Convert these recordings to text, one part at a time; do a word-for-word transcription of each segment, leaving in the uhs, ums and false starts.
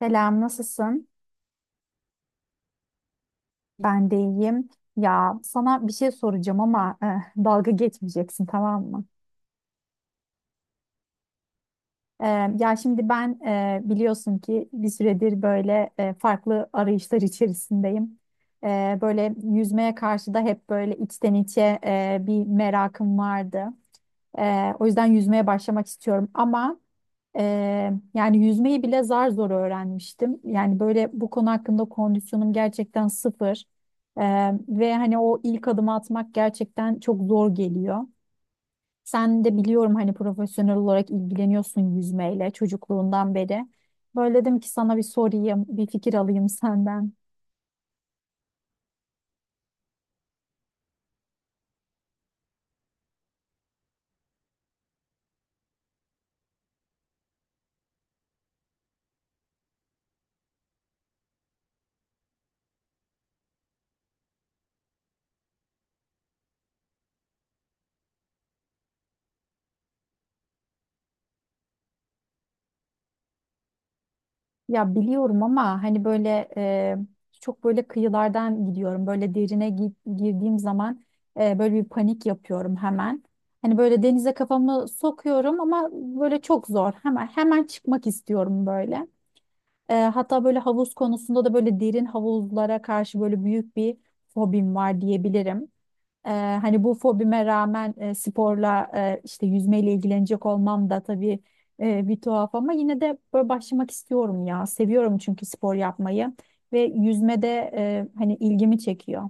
Selam, nasılsın? Ben de iyiyim. Ya sana bir şey soracağım ama eh, dalga geçmeyeceksin tamam mı? Eh, ya şimdi ben eh, biliyorsun ki bir süredir böyle eh, farklı arayışlar içerisindeyim. Eh, böyle yüzmeye karşı da hep böyle içten içe eh, bir merakım vardı. Eh, o yüzden yüzmeye başlamak istiyorum ama. Ee, yani yüzmeyi bile zar zor öğrenmiştim. Yani böyle bu konu hakkında kondisyonum gerçekten sıfır. Ee, ve hani o ilk adımı atmak gerçekten çok zor geliyor. Sen de biliyorum hani profesyonel olarak ilgileniyorsun yüzmeyle çocukluğundan beri. Böyle dedim ki sana bir sorayım, bir fikir alayım senden. Ya biliyorum ama hani böyle e, çok böyle kıyılardan gidiyorum. Böyle derine gi- girdiğim zaman e, böyle bir panik yapıyorum hemen. Hani böyle denize kafamı sokuyorum ama böyle çok zor. Hemen hemen çıkmak istiyorum böyle. E, hatta böyle havuz konusunda da böyle derin havuzlara karşı böyle büyük bir fobim var diyebilirim. Ee, hani bu fobime rağmen e, sporla e, işte yüzmeyle ilgilenecek olmam da tabii e, bir tuhaf ama yine de böyle başlamak istiyorum ya. Seviyorum çünkü spor yapmayı ve yüzmede e, hani ilgimi çekiyor.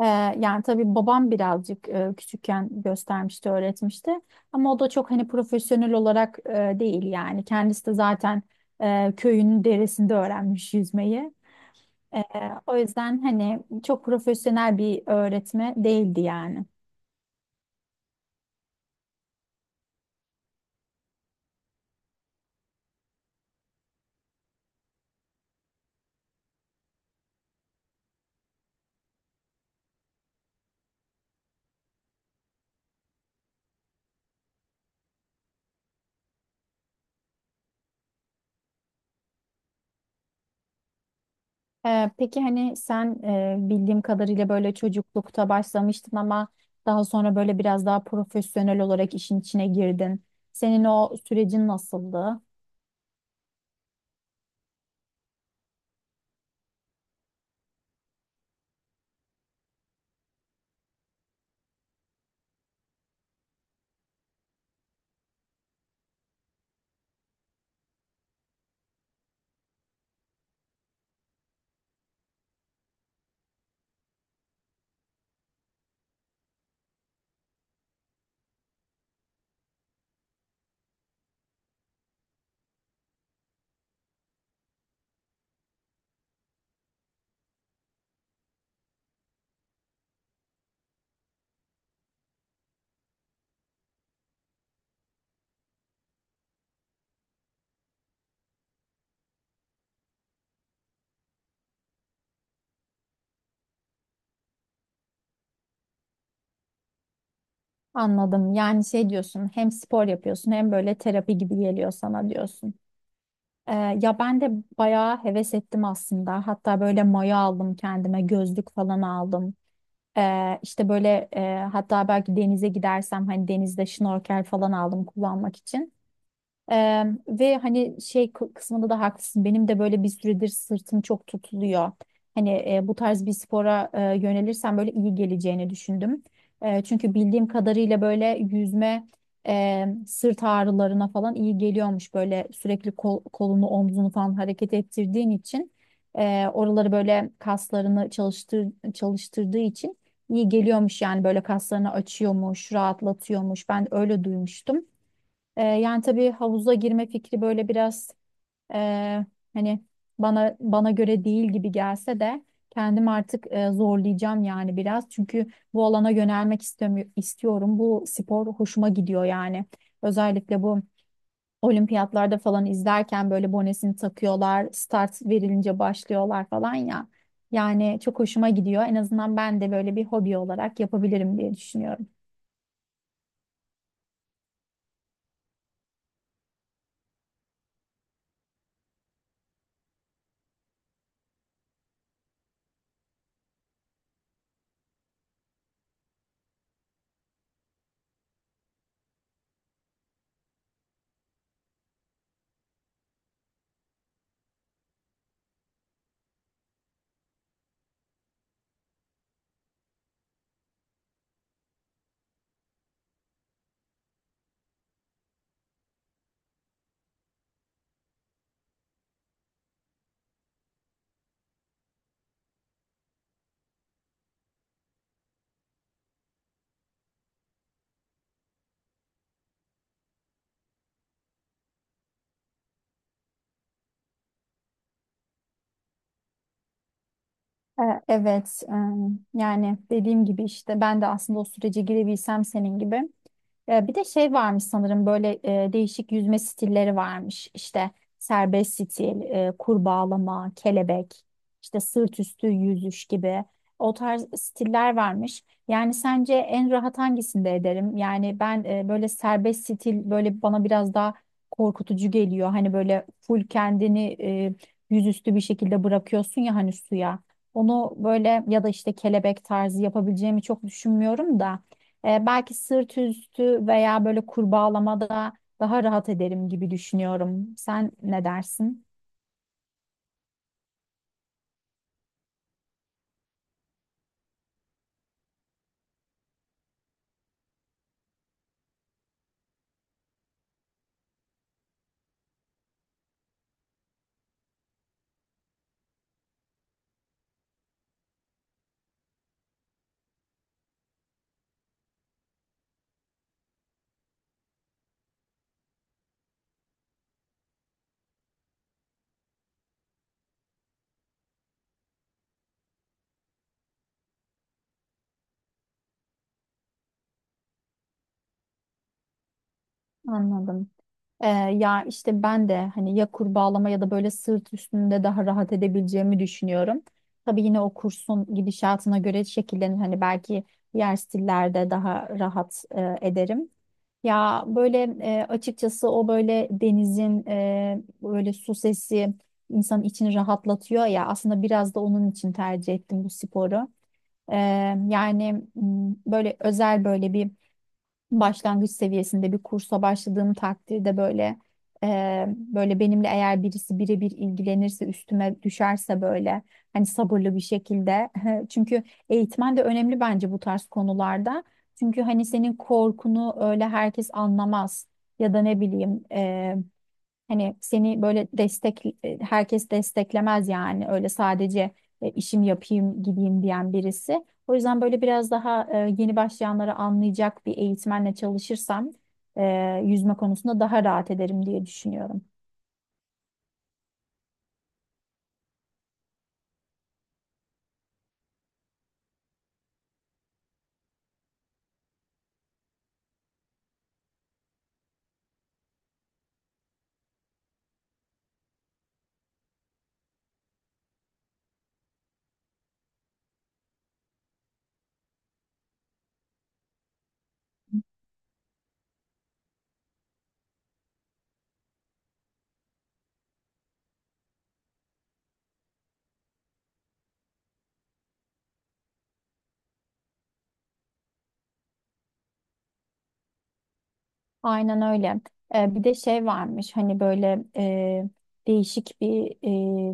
Ee, yani tabii babam birazcık e, küçükken göstermişti, öğretmişti. Ama o da çok hani profesyonel olarak e, değil yani. Kendisi de zaten e, köyünün deresinde öğrenmiş yüzmeyi. Ee, o yüzden hani çok profesyonel bir öğretme değildi yani. Ee, peki hani sen e, bildiğim kadarıyla böyle çocuklukta başlamıştın ama daha sonra böyle biraz daha profesyonel olarak işin içine girdin. Senin o sürecin nasıldı? Anladım. Yani şey diyorsun, hem spor yapıyorsun hem böyle terapi gibi geliyor sana diyorsun. Ee, ya ben de bayağı heves ettim aslında. Hatta böyle maya aldım kendime, gözlük falan aldım. Ee, işte böyle e, hatta belki denize gidersem hani denizde şnorkel falan aldım kullanmak için. Ee, ve hani şey kı- kısmında da haklısın. Benim de böyle bir süredir sırtım çok tutuluyor. Hani e, bu tarz bir spora e, yönelirsem böyle iyi geleceğini düşündüm. E, çünkü bildiğim kadarıyla böyle yüzme e, sırt ağrılarına falan iyi geliyormuş. Böyle sürekli kol- kolunu omzunu falan hareket ettirdiğin için e, oraları böyle kaslarını çalıştır çalıştırdığı için iyi geliyormuş yani böyle kaslarını açıyormuş, rahatlatıyormuş. Ben öyle duymuştum. Ee, yani tabii havuza girme fikri böyle biraz e, hani bana bana göre değil gibi gelse de kendim artık e, zorlayacağım yani biraz. Çünkü bu alana yönelmek istemi- istiyorum. Bu spor hoşuma gidiyor yani. Özellikle bu olimpiyatlarda falan izlerken böyle bonesini takıyorlar, start verilince başlıyorlar falan ya. Yani çok hoşuma gidiyor. En azından ben de böyle bir hobi olarak yapabilirim diye düşünüyorum. E, Evet, e, yani dediğim gibi işte ben de aslında o sürece girebilsem senin gibi. Ee, bir de şey varmış sanırım böyle e, değişik yüzme stilleri varmış. İşte serbest stil, e, kurbağalama, kelebek, işte sırt üstü yüzüş gibi o tarz stiller varmış. Yani sence en rahat hangisinde ederim? Yani ben e, böyle serbest stil böyle bana biraz daha korkutucu geliyor. Hani böyle full kendini e, yüzüstü bir şekilde bırakıyorsun ya hani suya. Onu böyle ya da işte kelebek tarzı yapabileceğimi çok düşünmüyorum da. E, belki sırt üstü veya böyle kurbağalamada daha rahat ederim gibi düşünüyorum. Sen ne dersin? Anladım. E, ya işte ben de hani ya kurbağalama ya da böyle sırt üstünde daha rahat edebileceğimi düşünüyorum. Tabii yine o kursun gidişatına göre şekillenir. Hani belki diğer stillerde daha rahat e, ederim. Ya böyle e, açıkçası o böyle denizin e, böyle su sesi insanın içini rahatlatıyor ya aslında biraz da onun için tercih ettim bu sporu. E, yani m, böyle özel böyle bir başlangıç seviyesinde bir kursa başladığım takdirde böyle e, böyle benimle eğer birisi birebir ilgilenirse üstüme düşerse böyle hani sabırlı bir şekilde çünkü eğitmen de önemli bence bu tarz konularda çünkü hani senin korkunu öyle herkes anlamaz ya da ne bileyim e, Hani seni böyle destek e, herkes desteklemez yani öyle sadece e, işim yapayım gideyim diyen birisi. O yüzden böyle biraz daha e, yeni başlayanları anlayacak bir eğitmenle çalışırsam e, yüzme konusunda daha rahat ederim diye düşünüyorum. Aynen öyle. Ee, bir de şey varmış hani böyle e, değişik bir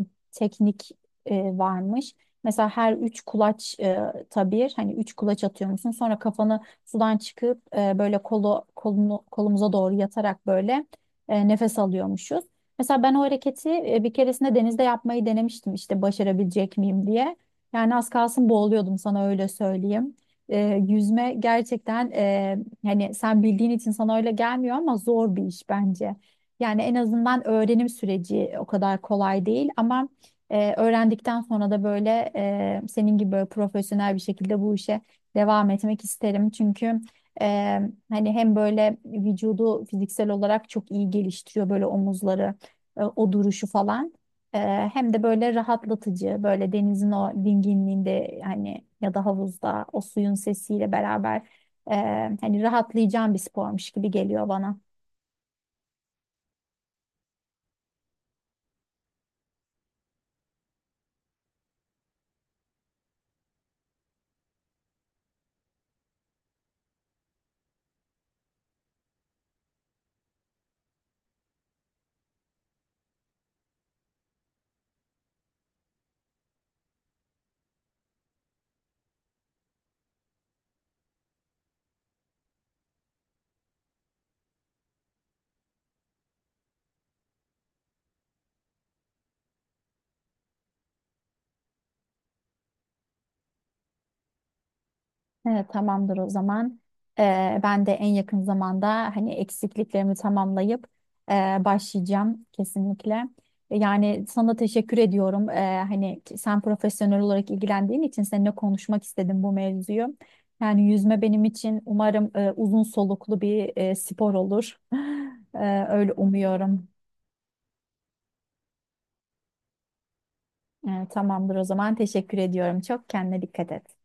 e, teknik e, varmış. Mesela her üç kulaç e, tabir hani üç kulaç atıyor musun? Sonra kafanı sudan çıkıp e, böyle kolu kolunu kolumuza doğru yatarak böyle e, nefes alıyormuşuz. Mesela ben o hareketi e, bir keresinde denizde yapmayı denemiştim işte başarabilecek miyim diye. Yani az kalsın boğuluyordum sana öyle söyleyeyim. E, yüzme gerçekten. Hani sen bildiğin için sana öyle gelmiyor ama zor bir iş bence. Yani en azından öğrenim süreci o kadar kolay değil ama e, öğrendikten sonra da böyle e, senin gibi böyle profesyonel bir şekilde bu işe devam etmek isterim. Çünkü e, hani hem böyle vücudu fiziksel olarak çok iyi geliştiriyor böyle omuzları, e, o duruşu falan. E, hem de böyle rahatlatıcı böyle denizin o dinginliğinde hani ya da havuzda o suyun sesiyle beraber ee, hani rahatlayacağım bir spormuş gibi geliyor bana. Evet, tamamdır o zaman. Ee, ben de en yakın zamanda hani eksikliklerimi tamamlayıp e, başlayacağım kesinlikle. E, Yani sana teşekkür ediyorum. Ee, hani ki- sen profesyonel olarak ilgilendiğin için seninle konuşmak istedim bu mevzuyu. Yani yüzme benim için umarım e, uzun soluklu bir e, spor olur. Ee, öyle umuyorum. Ee, tamamdır o zaman. Teşekkür ediyorum. Çok kendine dikkat et.